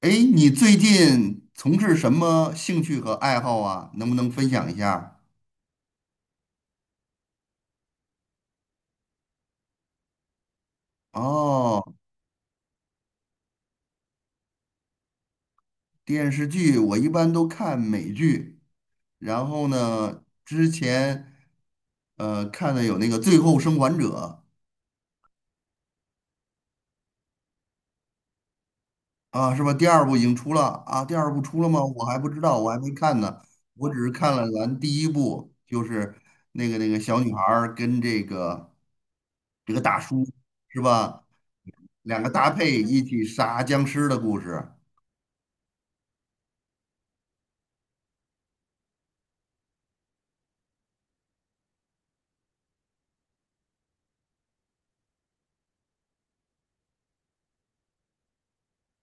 哎，你最近从事什么兴趣和爱好啊？能不能分享一下？哦，电视剧我一般都看美剧，然后呢，之前看的有那个《最后生还者》。啊，是吧？第二部已经出了啊？第二部出了吗？我还不知道，我还没看呢，我只是看了咱第一部，就是那个小女孩儿跟这个大叔，是吧？两个搭配一起杀僵尸的故事。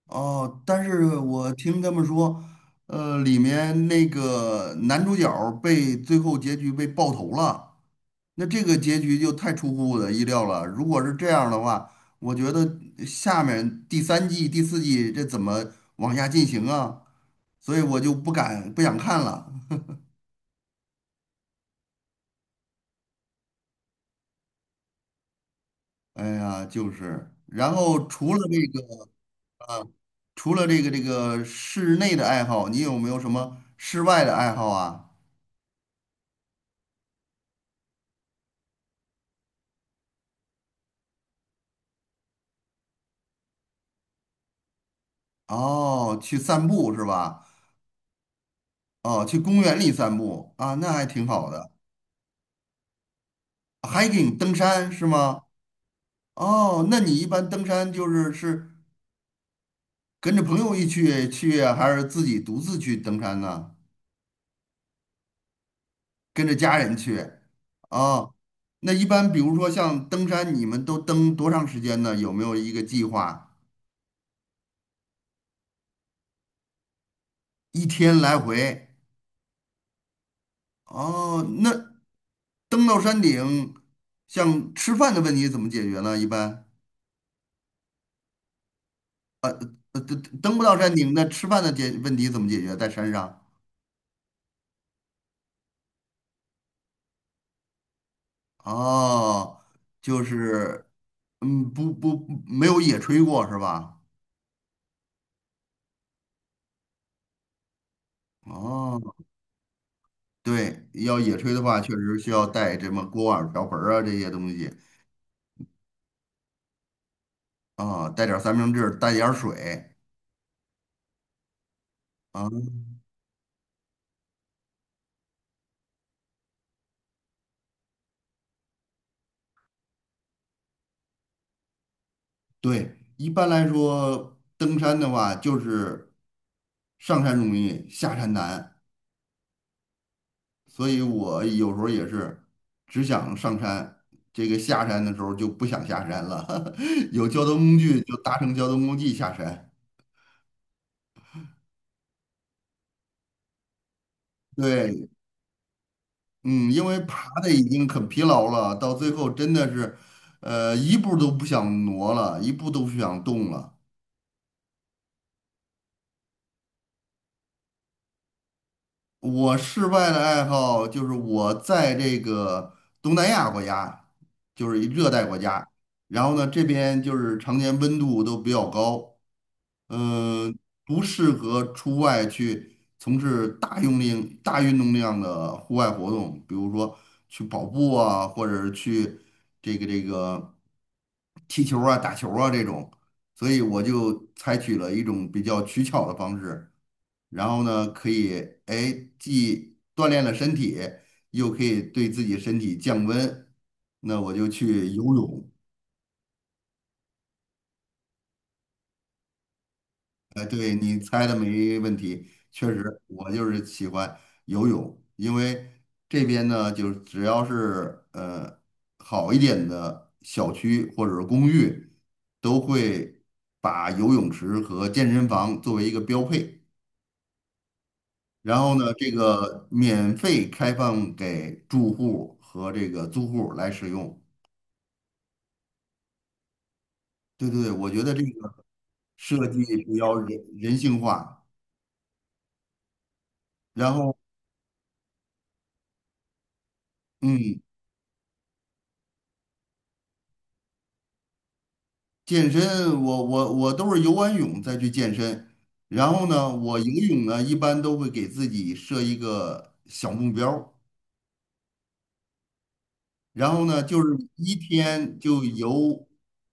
哦，但是我听他们说，里面那个男主角儿被最后结局被爆头了，那这个结局就太出乎我的意料了。如果是这样的话，我觉得下面第三季、第四季这怎么往下进行啊？所以我就不敢不想看了。哎呀，就是，然后除了这个。除了这个室内的爱好，你有没有什么室外的爱好啊？哦，去散步是吧？哦，去公园里散步啊，那还挺好的。hiking 登山是吗？哦，那你一般登山就是跟着朋友一起去啊，还是自己独自去登山呢？跟着家人去？哦，那一般比如说像登山，你们都登多长时间呢？有没有一个计划？一天来回？哦，那登到山顶，像吃饭的问题怎么解决呢？一般，登不到山顶，那吃饭的问题怎么解决？在山上？哦，就是，嗯，不不，没有野炊过是吧？哦，对，要野炊的话，确实需要带什么锅碗瓢盆儿啊这些东西啊，带点儿三明治，带点儿水啊。对，一般来说，登山的话就是上山容易，下山难。所以我有时候也是只想上山，这个下山的时候就不想下山了。有交通工具就搭乘交通工具下山。对，嗯，因为爬的已经很疲劳了，到最后真的是，一步都不想挪了，一步都不想动了。我室外的爱好就是我在这个东南亚国家，就是一热带国家，然后呢，这边就是常年温度都比较高。嗯、呃，不适合出外去从事大用力、大运动量的户外活动，比如说去跑步啊，或者是去这个踢球啊、打球啊这种。所以我就采取了一种比较取巧的方式，然后呢，可以哎既锻炼了身体，又可以对自己身体降温。那我就去游泳。哎，对，你猜的没问题，确实，我就是喜欢游泳，因为这边呢，就是只要是好一点的小区或者是公寓，都会把游泳池和健身房作为一个标配，然后呢，这个免费开放给住户和这个租户来使用。对对对，我觉得这个设计比较人性化，然后嗯。健身，我都是游完泳再去健身，然后呢，我游泳呢一般都会给自己设一个小目标儿，然后呢就是一天就游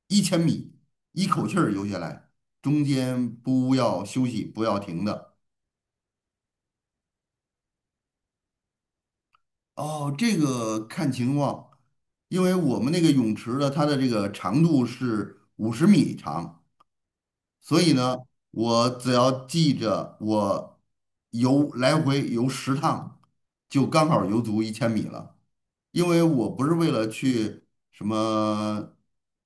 一千米，一口气儿游下来，中间不要休息，不要停的。哦，这个看情况，因为我们那个泳池的它的这个长度是50米长。所以呢，我只要记着我游来回游10趟，就刚好游足一千米了。因为我不是为了去什么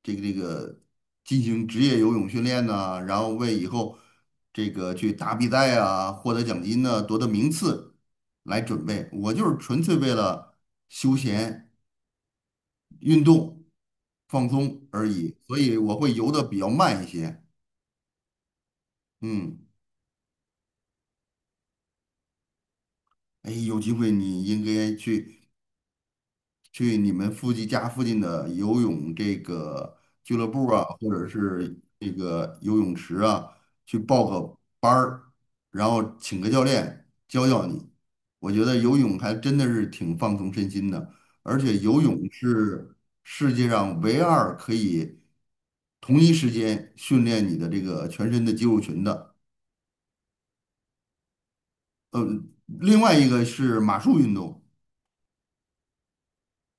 这个进行职业游泳训练呐、然后为以后这个去打比赛啊、获得奖金呢、夺得名次来准备，我就是纯粹为了休闲运动放松而已。所以我会游的比较慢一些，嗯。哎，有机会你应该去你们家附近的游泳这个俱乐部啊，或者是这个游泳池啊，去报个班儿，然后请个教练教教你。我觉得游泳还真的是挺放松身心的，而且游泳是世界上唯二可以同一时间训练你的这个全身的肌肉群的。呃，另外一个是马术运动。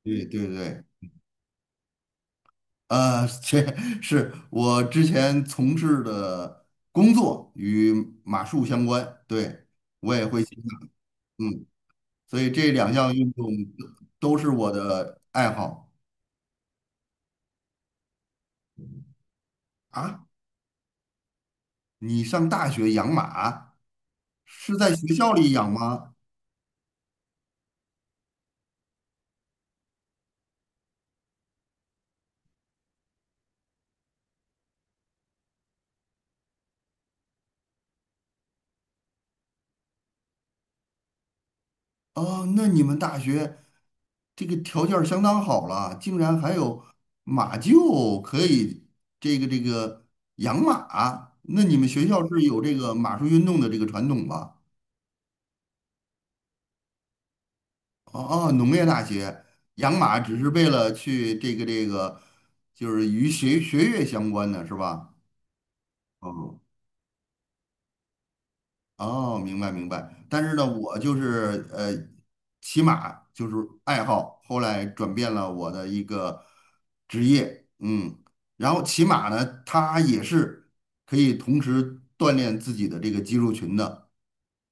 对对对。这 是我之前从事的工作与马术相关，对，我也会欣赏，嗯，所以这两项运动都是我的爱好啊。你上大学养马是在学校里养吗？哦，那你们大学这个条件儿相当好了，竟然还有马厩可以这个养马啊，那你们学校是有这个马术运动的这个传统吧？哦，农业大学养马只是为了去这个，就是与学业相关的是吧？哦哦，明白明白。但是呢，我就是骑马就是爱好，后来转变了我的一个职业，嗯。然后骑马呢，它也是可以同时锻炼自己的这个肌肉群的。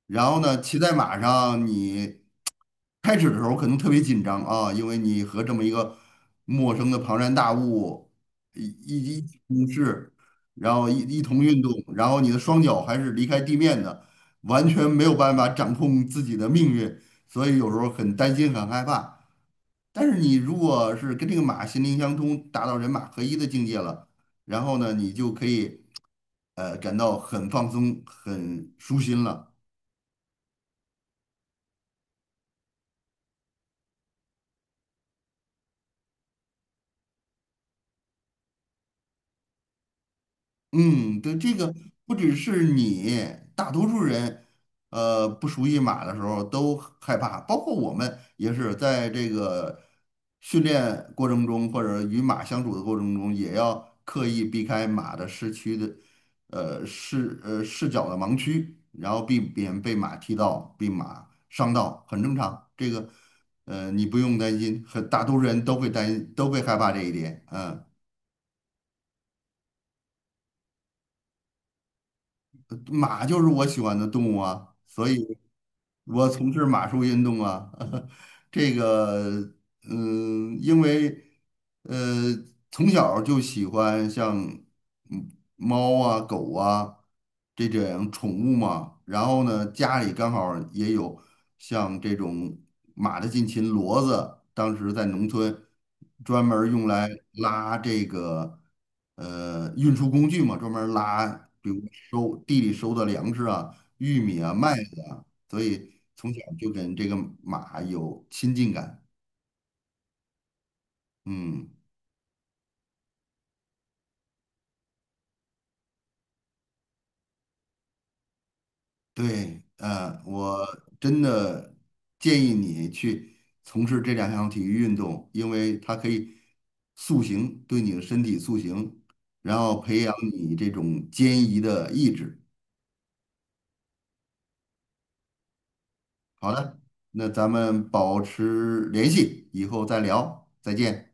然后呢，骑在马上，你开始的时候可能特别紧张啊，因为你和这么一个陌生的庞然大物一起共事，然后一同运动，然后你的双脚还是离开地面的，完全没有办法掌控自己的命运，所以有时候很担心，很害怕。但是你如果是跟这个马心灵相通，达到人马合一的境界了，然后呢，你就可以感到很放松、很舒心了。嗯，对，这个不只是你，大多数人，不熟悉马的时候都害怕，包括我们也是在这个训练过程中，或者与马相处的过程中，也要刻意避开马的视区的，视角的盲区，然后避免被马踢到、被马伤到，很正常。这个，你不用担心，很大多数人都会害怕这一点，嗯。马就是我喜欢的动物啊，所以我从事马术运动啊。这个嗯，因为呃，从小就喜欢像嗯猫啊、狗啊这种宠物嘛。然后呢，家里刚好也有像这种马的近亲骡子，当时在农村专门儿用来拉这个运输工具嘛，专门儿拉，比如收地里收的粮食啊、玉米啊、麦子啊，所以从小就跟这个马有亲近感。嗯，对，我真的建议你去从事这两项体育运动，因为它可以塑形，对你的身体塑形，然后培养你这种坚毅的意志。好的，那咱们保持联系，以后再聊，再见。